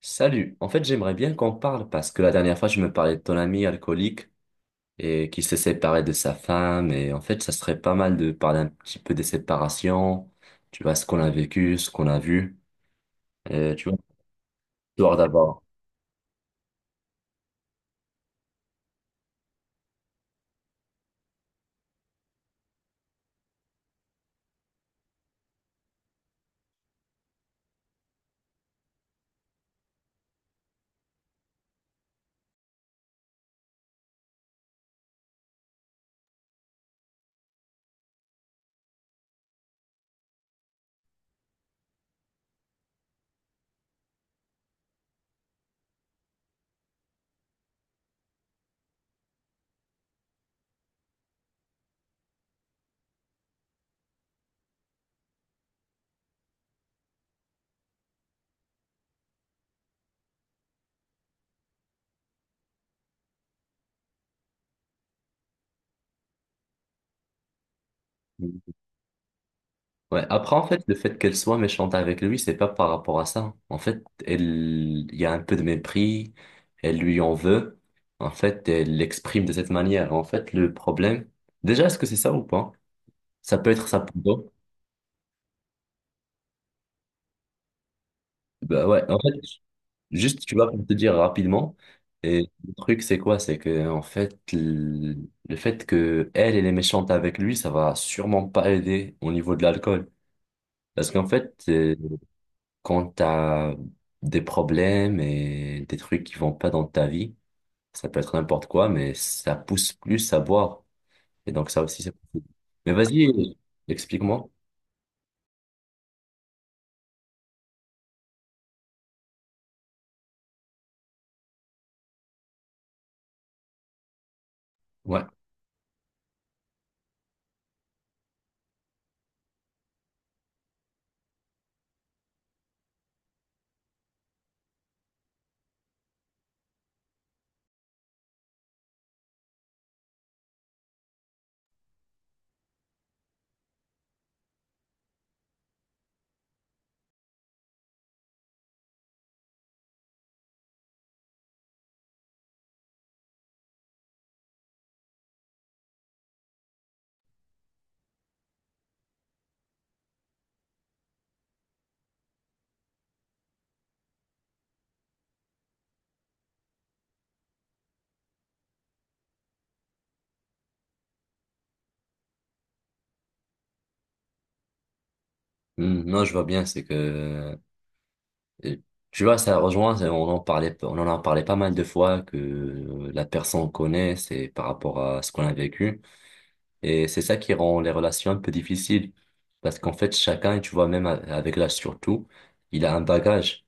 Salut, en fait j'aimerais bien qu'on parle parce que la dernière fois je me parlais de ton ami alcoolique et qui s'est séparé de sa femme, et en fait ça serait pas mal de parler un petit peu des séparations, tu vois, ce qu'on a vécu, ce qu'on a vu, tu vois, histoire d'abord. Ouais, après en fait le fait qu'elle soit méchante avec lui, c'est pas par rapport à ça. En fait elle, il y a un peu de mépris, elle lui en veut, en fait elle l'exprime de cette manière. En fait le problème, déjà, est-ce que c'est ça ou pas? Ça peut être ça pour toi. Bah ouais, en fait. Juste, tu vois, pour te dire rapidement, et le truc, c'est quoi? C'est que, en fait, le fait que elle, elle est méchante avec lui, ça va sûrement pas aider au niveau de l'alcool. Parce qu'en fait, quand t'as des problèmes et des trucs qui vont pas dans ta vie, ça peut être n'importe quoi, mais ça pousse plus à boire. Et donc, ça aussi, c'est. Mais vas-y, explique-moi. Ouais. Hmm. Non, je vois bien, c'est que Euh, tu vois, ça rejoint, on en parlait, on en a parlé pas mal de fois, que la personne connaît, c'est par rapport à ce qu'on a vécu. Et c'est ça qui rend les relations un peu difficiles. Parce qu'en fait, chacun, tu vois, même avec l'âge surtout, il a un bagage.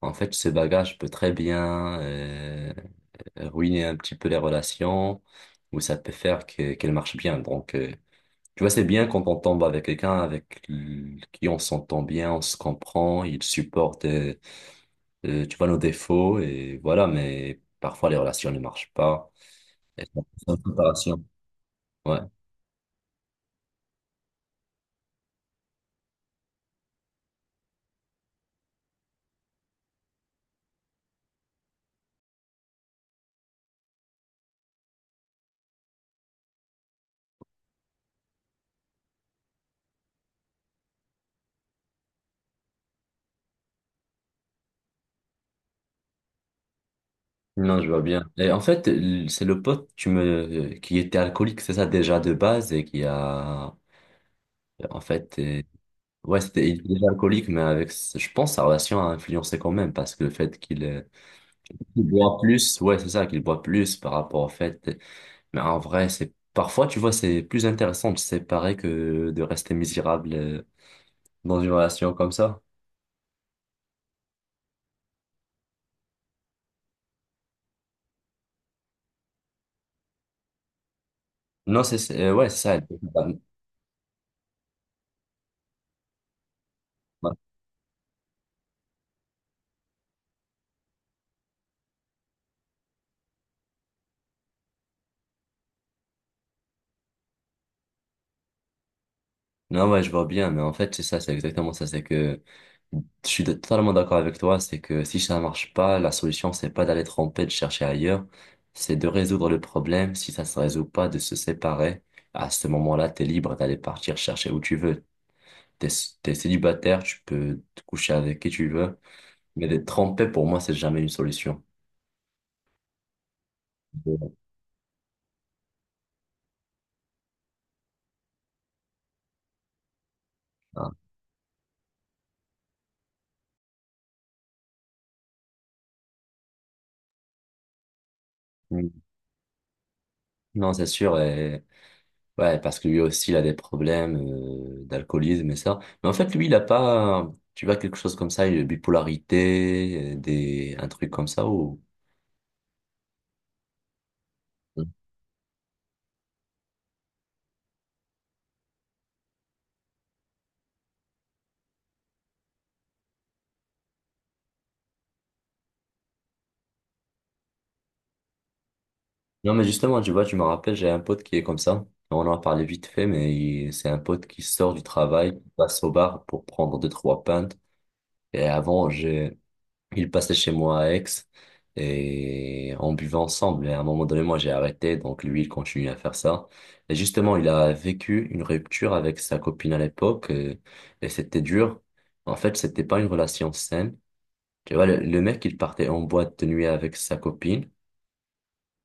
En fait, ce bagage peut très bien ruiner un petit peu les relations ou ça peut faire que, qu'elles marchent bien. Donc, tu vois, c'est bien quand on tombe avec quelqu'un avec qui on s'entend bien, on se comprend, il supporte tu vois nos défauts, et voilà, mais parfois les relations ne marchent pas. Et ça, c'est une préparation. Ouais. Non, je vois bien. Et en fait, c'est le pote tu me... qui était alcoolique, c'est ça déjà de base, et qui a. En fait, ouais, c'était il était déjà alcoolique, mais avec. Je pense sa relation a influencé quand même, parce que le fait qu'il qu'il boit plus, ouais, c'est ça, qu'il boit plus par rapport au fait. Mais en vrai, c'est. Parfois, tu vois, c'est plus intéressant de se séparer que de rester misérable dans une relation comme ça. Non, ouais, c'est ça, exactement. Ouais. Non, ouais, je vois bien, mais en fait, c'est ça, c'est exactement ça. C'est que je suis totalement d'accord avec toi. C'est que si ça marche pas, la solution, c'est pas d'aller tromper, de chercher ailleurs. C'est de résoudre le problème. Si ça se résout pas, de se séparer. À ce moment-là, t'es libre d'aller partir chercher où tu veux. T'es, t'es célibataire, tu peux te coucher avec qui tu veux. Mais d'être trompé, pour moi, c'est jamais une solution. Ah. Mm. Non, c'est sûr. Ouais, parce que lui aussi, il a des problèmes d'alcoolisme et ça. Mais en fait, lui, il a pas, tu vois, quelque chose comme ça, une bipolarité, un truc comme ça ou... Mm. Non, mais justement, tu vois, tu me rappelles, j'ai un pote qui est comme ça. On en a parlé vite fait, mais c'est un pote qui sort du travail, qui passe au bar pour prendre deux, trois pintes. Et avant, j'ai, il passait chez moi à Aix et on buvait ensemble. Et à un moment donné, moi, j'ai arrêté. Donc, lui, il continue à faire ça. Et justement, il a vécu une rupture avec sa copine à l'époque, et c'était dur. En fait, c'était pas une relation saine. Tu vois, le mec, il partait en boîte de nuit avec sa copine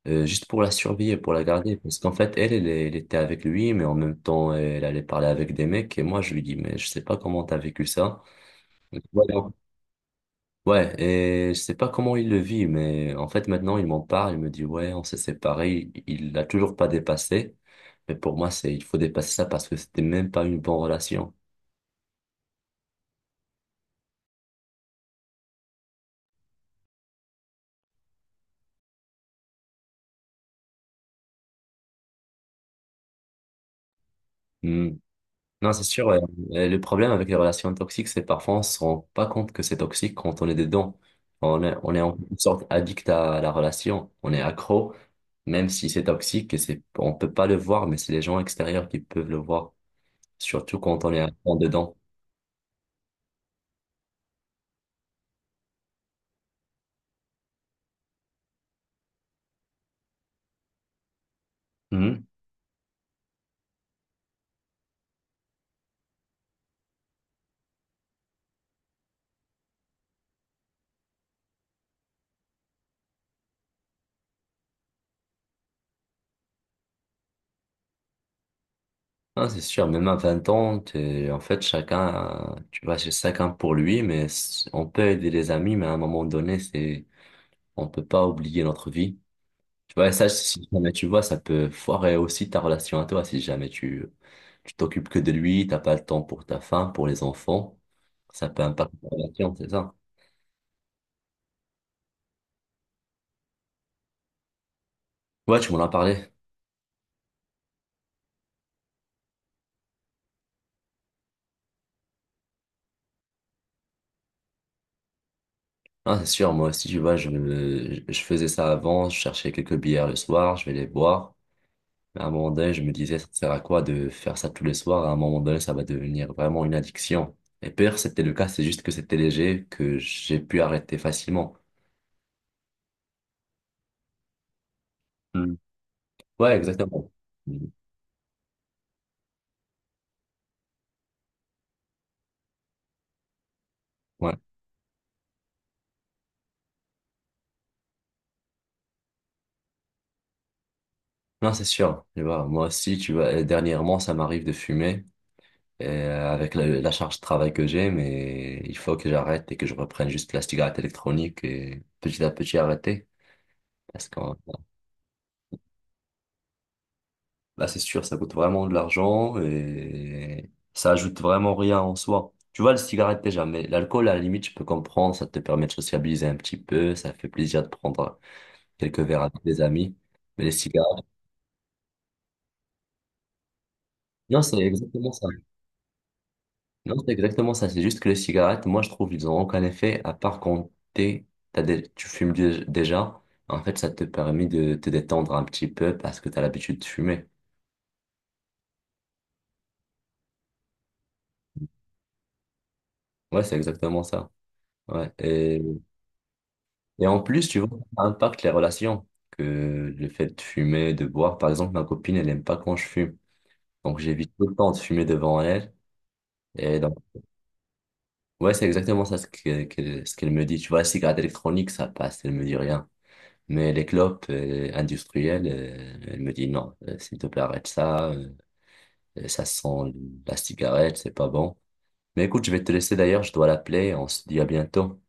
juste pour la survie, pour la garder. Parce qu'en fait, elle était avec lui, mais en même temps, elle allait parler avec des mecs. Et moi, je lui dis, mais je sais pas comment t'as vécu ça. Voilà. Ouais, et je sais pas comment il le vit, mais en fait maintenant il m'en parle, il me dit ouais, on s'est séparés, il l'a toujours pas dépassé, mais pour moi c'est il faut dépasser ça, parce que c'était même pas une bonne relation. Hmm. Non, c'est sûr, ouais. Et le problème avec les relations toxiques, c'est parfois on se rend pas compte que c'est toxique quand on est dedans. On est en quelque sorte addict à la relation, on est accro, même si c'est toxique, et c'est, on peut pas le voir, mais c'est les gens extérieurs qui peuvent le voir, surtout quand on est à fond dedans. Hmm. Ah c'est sûr, même à 20 ans, en fait, chacun, tu vas chez chacun pour lui, mais on peut aider les amis, mais à un moment donné, c'est, on peut pas oublier notre vie. Tu vois, et ça, si jamais tu vois, ça peut foirer aussi ta relation à toi, si jamais tu t'occupes que de lui, t'as pas le temps pour ta femme, pour les enfants, ça peut impacter ta relation, c'est ça. Ouais, tu m'en as parlé. Ah, c'est sûr, moi aussi, tu vois, je faisais ça avant, je cherchais quelques bières le soir, je vais les boire. À un moment donné, je me disais, ça sert à quoi de faire ça tous les soirs? À un moment donné, ça va devenir vraiment une addiction. Et pire, c'était le cas, c'est juste que c'était léger, que j'ai pu arrêter facilement. Mm. Ouais, exactement. Mm. Ouais. Non, c'est sûr. Tu vois, moi aussi, tu vois, dernièrement, ça m'arrive de fumer et, avec la charge de travail que j'ai, mais il faut que j'arrête et que je reprenne juste la cigarette électronique et petit à petit arrêter. Parce qu'on Bah, c'est sûr, ça coûte vraiment de l'argent et ça ajoute vraiment rien en soi. Tu vois, le cigarette déjà, mais l'alcool, à la limite, je peux comprendre, ça te permet de sociabiliser un petit peu, ça fait plaisir de prendre quelques verres avec des amis. Mais les cigarettes, non, c'est exactement ça. Non, c'est exactement ça. C'est juste que les cigarettes, moi, je trouve, ils ont aucun effet, à part quand t'es, tu fumes déjà. En fait, ça te permet de te détendre un petit peu parce que t'as l'habitude de fumer. Ouais, c'est exactement ça. Ouais. Et en plus, tu vois, ça impacte les relations. Que le fait de fumer, de boire, par exemple, ma copine, elle n'aime pas quand je fume. Donc, j'évite tout le temps de fumer devant elle. Et donc, ouais, c'est exactement ça ce qu'elle me dit. Tu vois, la cigarette électronique, ça passe, elle me dit rien. Mais les clopes industrielles, elle me dit non, s'il te plaît, arrête ça. Ça sent la cigarette, c'est pas bon. Mais écoute, je vais te laisser d'ailleurs, je dois l'appeler. On se dit à bientôt.